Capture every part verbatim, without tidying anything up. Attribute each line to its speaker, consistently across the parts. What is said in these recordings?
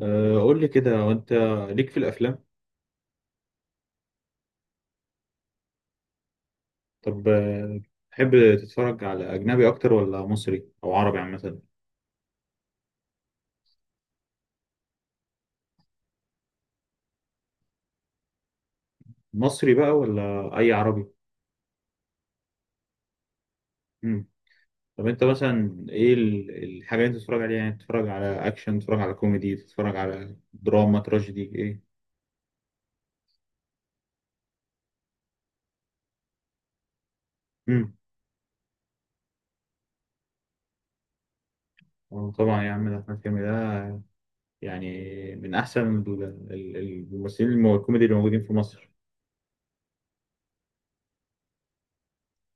Speaker 1: آه، قول لي كده، وانت ليك في الافلام؟ طب، آه، تحب تتفرج على اجنبي اكتر ولا مصري او عربي عامه؟ مصري بقى ولا اي عربي؟ مم. طب انت مثلا ايه ال- الحاجه اللي انت بتتفرج عليها؟ يعني تتفرج على اكشن، تتفرج على كوميدي، تتفرج على دراما، تراجيدي، ايه؟ امم. طبعا يا عم، ده احمد حلمي ده، يعني من احسن ال- ال- الممثلين الم- الكوميدي اللي موجودين في مصر.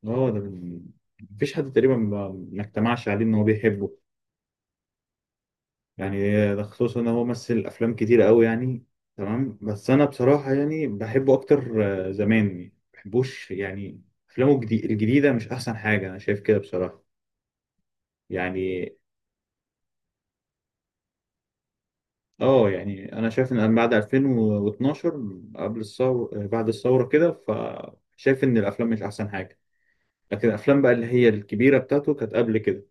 Speaker 1: اه، ده من- مفيش حد تقريبا ما ما اجتمعش عليه ان هو بيحبه، يعني. ده خصوصا ان هو مثل افلام كتير قوي يعني. تمام، بس انا بصراحه يعني بحبه اكتر. آه، زمان ما بحبوش يعني. افلامه الجدي- الجديده مش احسن حاجه انا شايف كده بصراحه يعني. اه يعني انا شايف ان بعد ألفين واتناشر، قبل الثوره بعد الثوره كده، فشايف ان الافلام مش احسن حاجه. لكن الافلام بقى اللي هي الكبيره بتاعته كانت قبل كده،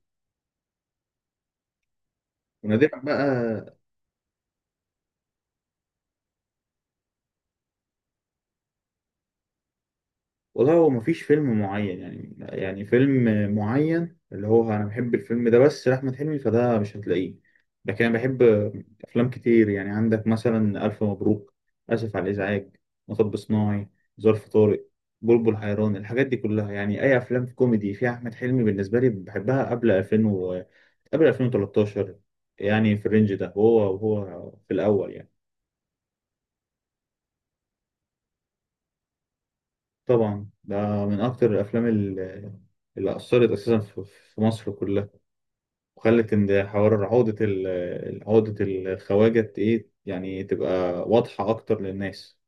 Speaker 1: ونادرا بقى. والله هو مفيش فيلم معين يعني، يعني فيلم معين اللي هو أنا بحب الفيلم ده بس لأحمد حلمي، فده مش هتلاقيه. لكن أنا بحب أفلام كتير يعني. عندك مثلا ألف مبروك، آسف على الإزعاج، مطب صناعي، ظرف طارق، بلبل حيران. الحاجات دي كلها، يعني أي أفلام كوميدي فيها أحمد حلمي بالنسبة لي بحبها. قبل ألفين و... قبل ألفين وتلتاشر يعني، في الرينج ده، وهو وهو في الأول يعني. طبعا ده من أكتر الأفلام اللي اللي أثرت أساسا في في مصر كلها، وخلت ان حوار عقدة ال- عقدة الخواجة ايه يعني تبقى واضحة اكتر للناس.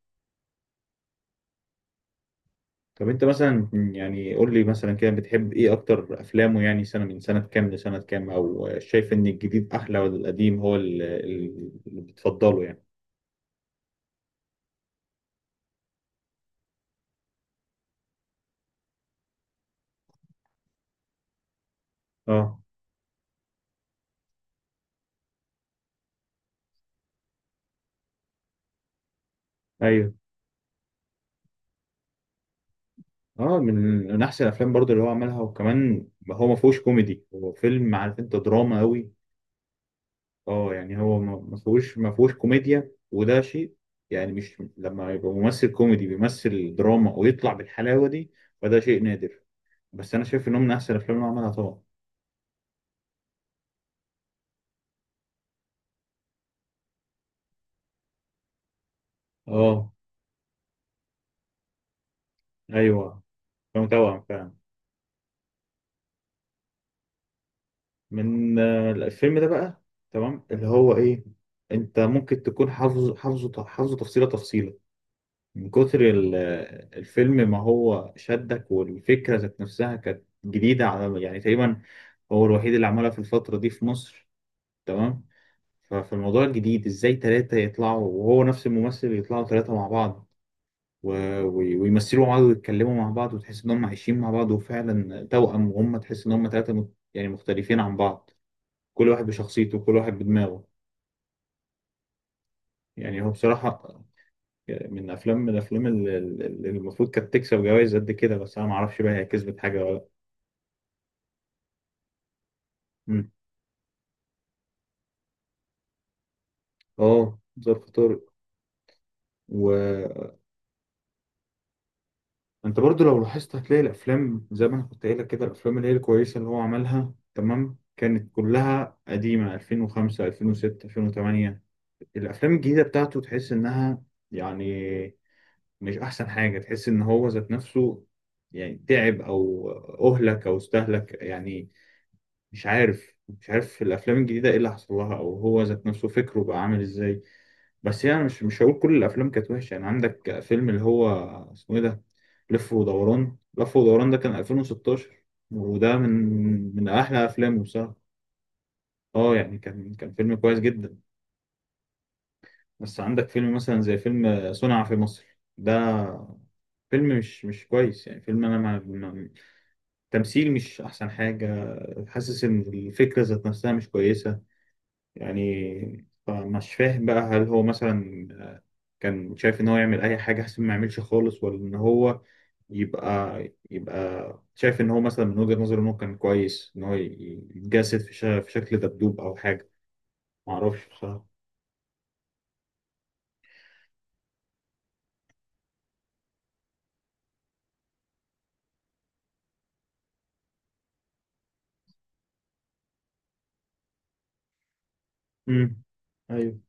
Speaker 1: طب انت مثلا يعني قول لي مثلا كده، بتحب ايه اكتر افلامه يعني؟ سنة من سنة كام لسنة كام؟ او شايف ان الجديد احلى ولا القديم هو ال- ال- اللي بتفضله يعني؟ اه، ايوه. اه، من من احسن الافلام برضو اللي هو عملها. وكمان هو ما فيهوش كوميدي، هو فيلم عارف انت دراما قوي. اه يعني هو ما ما فيهوش ما فيهوش كوميديا، وده شيء يعني. مش لما يبقى ممثل كوميدي بيمثل دراما ويطلع بالحلاوه دي، فده شيء نادر. بس انا شايف انه من احسن الافلام اللي عملها طبعا. اه، ايوه، كان توأم فعلا. من آه، الفيلم ده بقى. تمام، اللي هو ايه، انت ممكن تكون حافظ، حافظه حافظه تفصيله تفصيله من كتر ال- آه، الفيلم، ما هو شدك، والفكره ذات نفسها كانت جديده على يعني. تقريبا هو الوحيد اللي عملها في الفتره دي في مصر. تمام. ففي الموضوع الجديد ازاي ثلاثة يطلعوا وهو نفس الممثل، يطلعوا ثلاثة مع بعض و... و... ويمثلوا مع بعض ويتكلموا مع بعض، وتحس ان هم عايشين مع بعض وفعلا توأم، وهم تحس ان هم ثلاثة مت... يعني مختلفين عن بعض، كل واحد بشخصيته كل واحد بدماغه. يعني هو بصراحة من أفلام من الأفلام اللي اللي المفروض كانت تكسب جوائز قد كده، بس أنا معرفش بقى هي كسبت حاجة ولا لأ. مم. اه، ظرف طارق و... انت برضو لو لاحظت، هتلاقي الافلام زي ما انا كنت قايل لك كده، الافلام اللي هي الكويسه اللي هو عملها تمام كانت كلها قديمه: ألفين وخمسة، ألفين وستة، ألفين وثمانية. الافلام الجديده بتاعته تحس انها يعني مش احسن حاجه، تحس ان هو ذات نفسه يعني تعب او اهلك او استهلك يعني، مش عارف مش عارف الافلام الجديده ايه اللي حصل لها، او هو ذات نفسه فكره بقى عامل ازاي. بس يعني مش مش هقول كل الافلام كانت وحشه يعني. عندك فيلم اللي هو اسمه ايه ده، لف ودوران. لف ودوران ده كان ألفين وستاشر، وده من من احلى افلامه بصراحه. اه يعني كان كان فيلم كويس جدا. بس عندك فيلم مثلا زي فيلم صنع في مصر ده، فيلم مش مش كويس يعني، فيلم انا ما ما- تمثيل مش احسن حاجه، حاسس ان الفكره ذات نفسها مش كويسه يعني. فمش فاهم بقى هل هو مثلا آه، كان شايف ان هو يعمل اي حاجه احسن ما يعملش خالص، ولا ان هو يبقى يبقى شايف ان هو مثلا من وجهه نظره انه كان كويس ان هو ي- يتجسد في شا- في شكل دبدوب او حاجه. ما اعرفش بصراحه. امم. ايوه،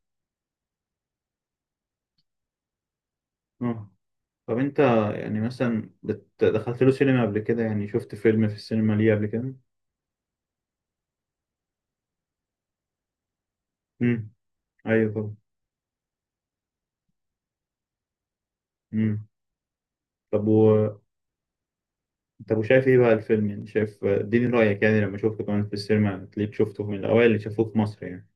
Speaker 1: اه. طب انت يعني مثلا بت- دخلت له سينما قبل كده؟ يعني شفت فيلم في السينما ليه قبل كده؟ امم. ايوه طبعا. امم. طب طب وشايف ايه بقى الفيلم يعني؟ شايف، اديني رأيك، يعني لما اشوفك كمان في السينما تلاقيك شفته من الأوائل اللي شافوه في مصر يعني.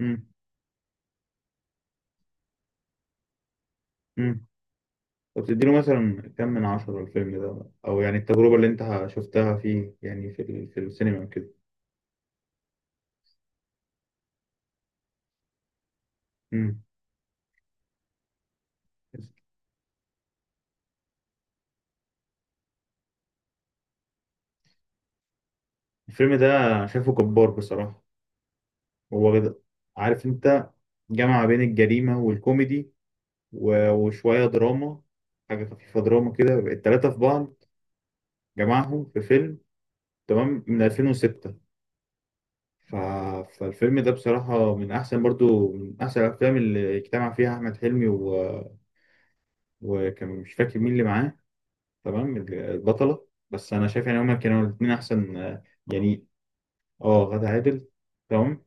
Speaker 1: امم. امم. طب تديله مثلا كم من عشرة الفيلم ده؟ أو يعني التجربة اللي أنت شفتها فيه يعني في ال- في السينما وكده. امم. الفيلم ده شايفه جبار بصراحة. هو ده- عارف أنت جمع بين الجريمة والكوميدي و- وشوية دراما، حاجة خفيفة دراما كده، التلاتة في بعض جمعهم في فيلم تمام من ألفين وستة. ف... فالفيلم ده بصراحة من أحسن برضو، من أحسن الأفلام اللي اجتمع فيها أحمد حلمي و... وكان مش فاكر مين اللي معاه، تمام، البطلة. بس أنا شايف يعني هما كانوا الاتنين أحسن، آه، يعني، أه غادة عادل. تمام،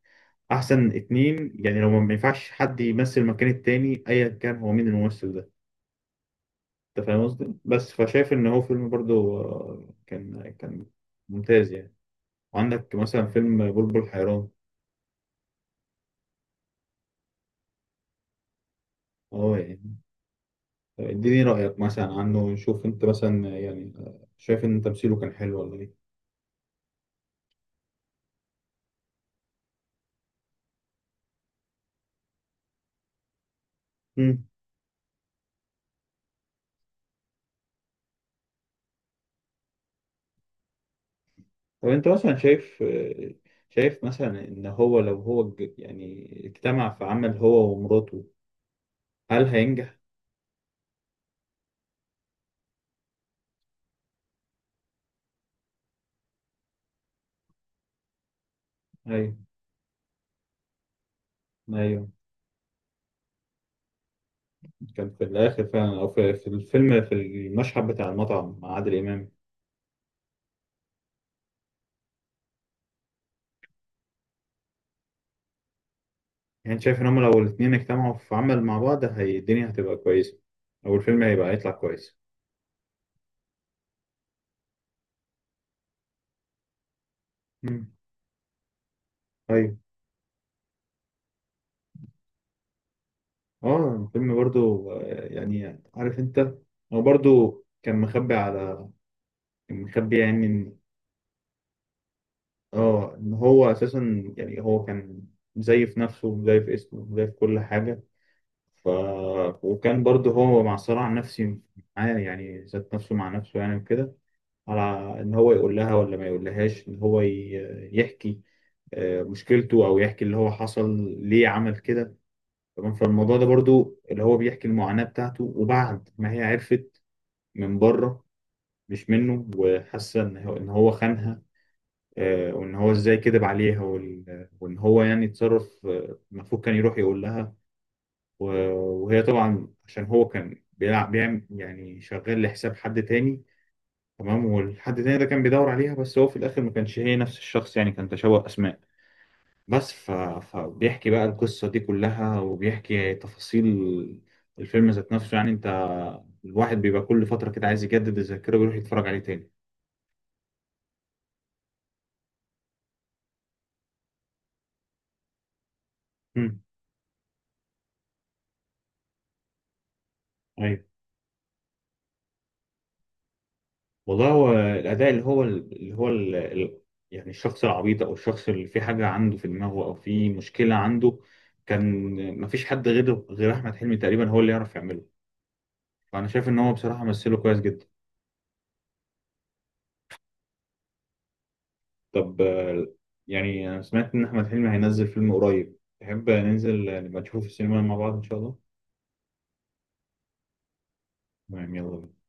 Speaker 1: أحسن اتنين يعني، لو ما ينفعش حد يمثل مكان التاني أيا كان هو مين الممثل ده. أنت فاهم قصدي؟ بس فشايف إن هو فيلم برضو آه، كان كان ممتاز يعني. وعندك مثلا فيلم بلبل حيران. أه يعني اديني رأيك مثلا عنه نشوف، انت مثلا يعني شايف ان تمثيله كان حلو ولا ايه؟ مم. طب انت مثلا شايف، شايف مثلا ان هو لو هو ج- يعني اجتمع في عمل هو ومراته، هل هينجح؟ ايوه، ايوه. كان في الاخر فعلا، او في في الفيلم في المشهد بتاع المطعم مع عادل امام يعني. شايف ان هم لو الاتنين اجتمعوا في عمل مع بعض، هي الدنيا هتبقى كويسة، او الفيلم هيبقى هيطلع كويس؟ مم. ايوه، اه. فيلم برضو آه، يعني عارف انت، هو برضو كان مخبي على، كان مخبي يعني ان، اه ان هو اساسا يعني هو كان مزيف نفسه ومزيف اسمه ومزيف كل حاجه. ف وكان برضو هو مع صراع نفسي معاه، يعني ذات نفسه مع نفسه يعني وكده، على ان هو يقول لها ولا ما يقولهاش، ان هو ي- يحكي آه، مشكلته، او يحكي اللي هو حصل ليه عمل كده. تمام، فالموضوع ده برضو اللي هو بيحكي المعاناه بتاعته، وبعد ما هي عرفت من بره مش منه، وحاسه ان هو ان هو خانها آه، وان هو ازاي كذب عليها، وال- وان هو يعني اتصرف، آه، المفروض كان يروح يقول لها. و- وهي طبعا عشان هو كان بيلعب بيعمل يعني، شغال لحساب حد تاني. تمام، والحد تاني ده كان بيدور عليها، بس هو في الاخر ما كانش هي نفس الشخص، يعني كان تشابه اسماء بس. ف... فبيحكي بقى القصة دي كلها، وبيحكي تفاصيل الفيلم ذات نفسه يعني. انت الواحد بيبقى كل فترة كده عايز يجدد الذاكرة ويروح يتفرج عليه تاني. ايوه. والله هو الاداء، اللي هو اللي هو ال- ال- يعني الشخص العبيط، او الشخص اللي في حاجه عنده في دماغه او في مشكله عنده، كان ما فيش حد غير غير احمد حلمي تقريبا هو اللي يعرف يعمله. فانا شايف ان هو بصراحه مثله كويس جدا. طب، آه، يعني انا سمعت ان احمد حلمي هينزل فيلم قريب، تحب ننزل نبقى نشوفه في السينما مع بعض ان شاء الله؟ تمام، يلا بينا.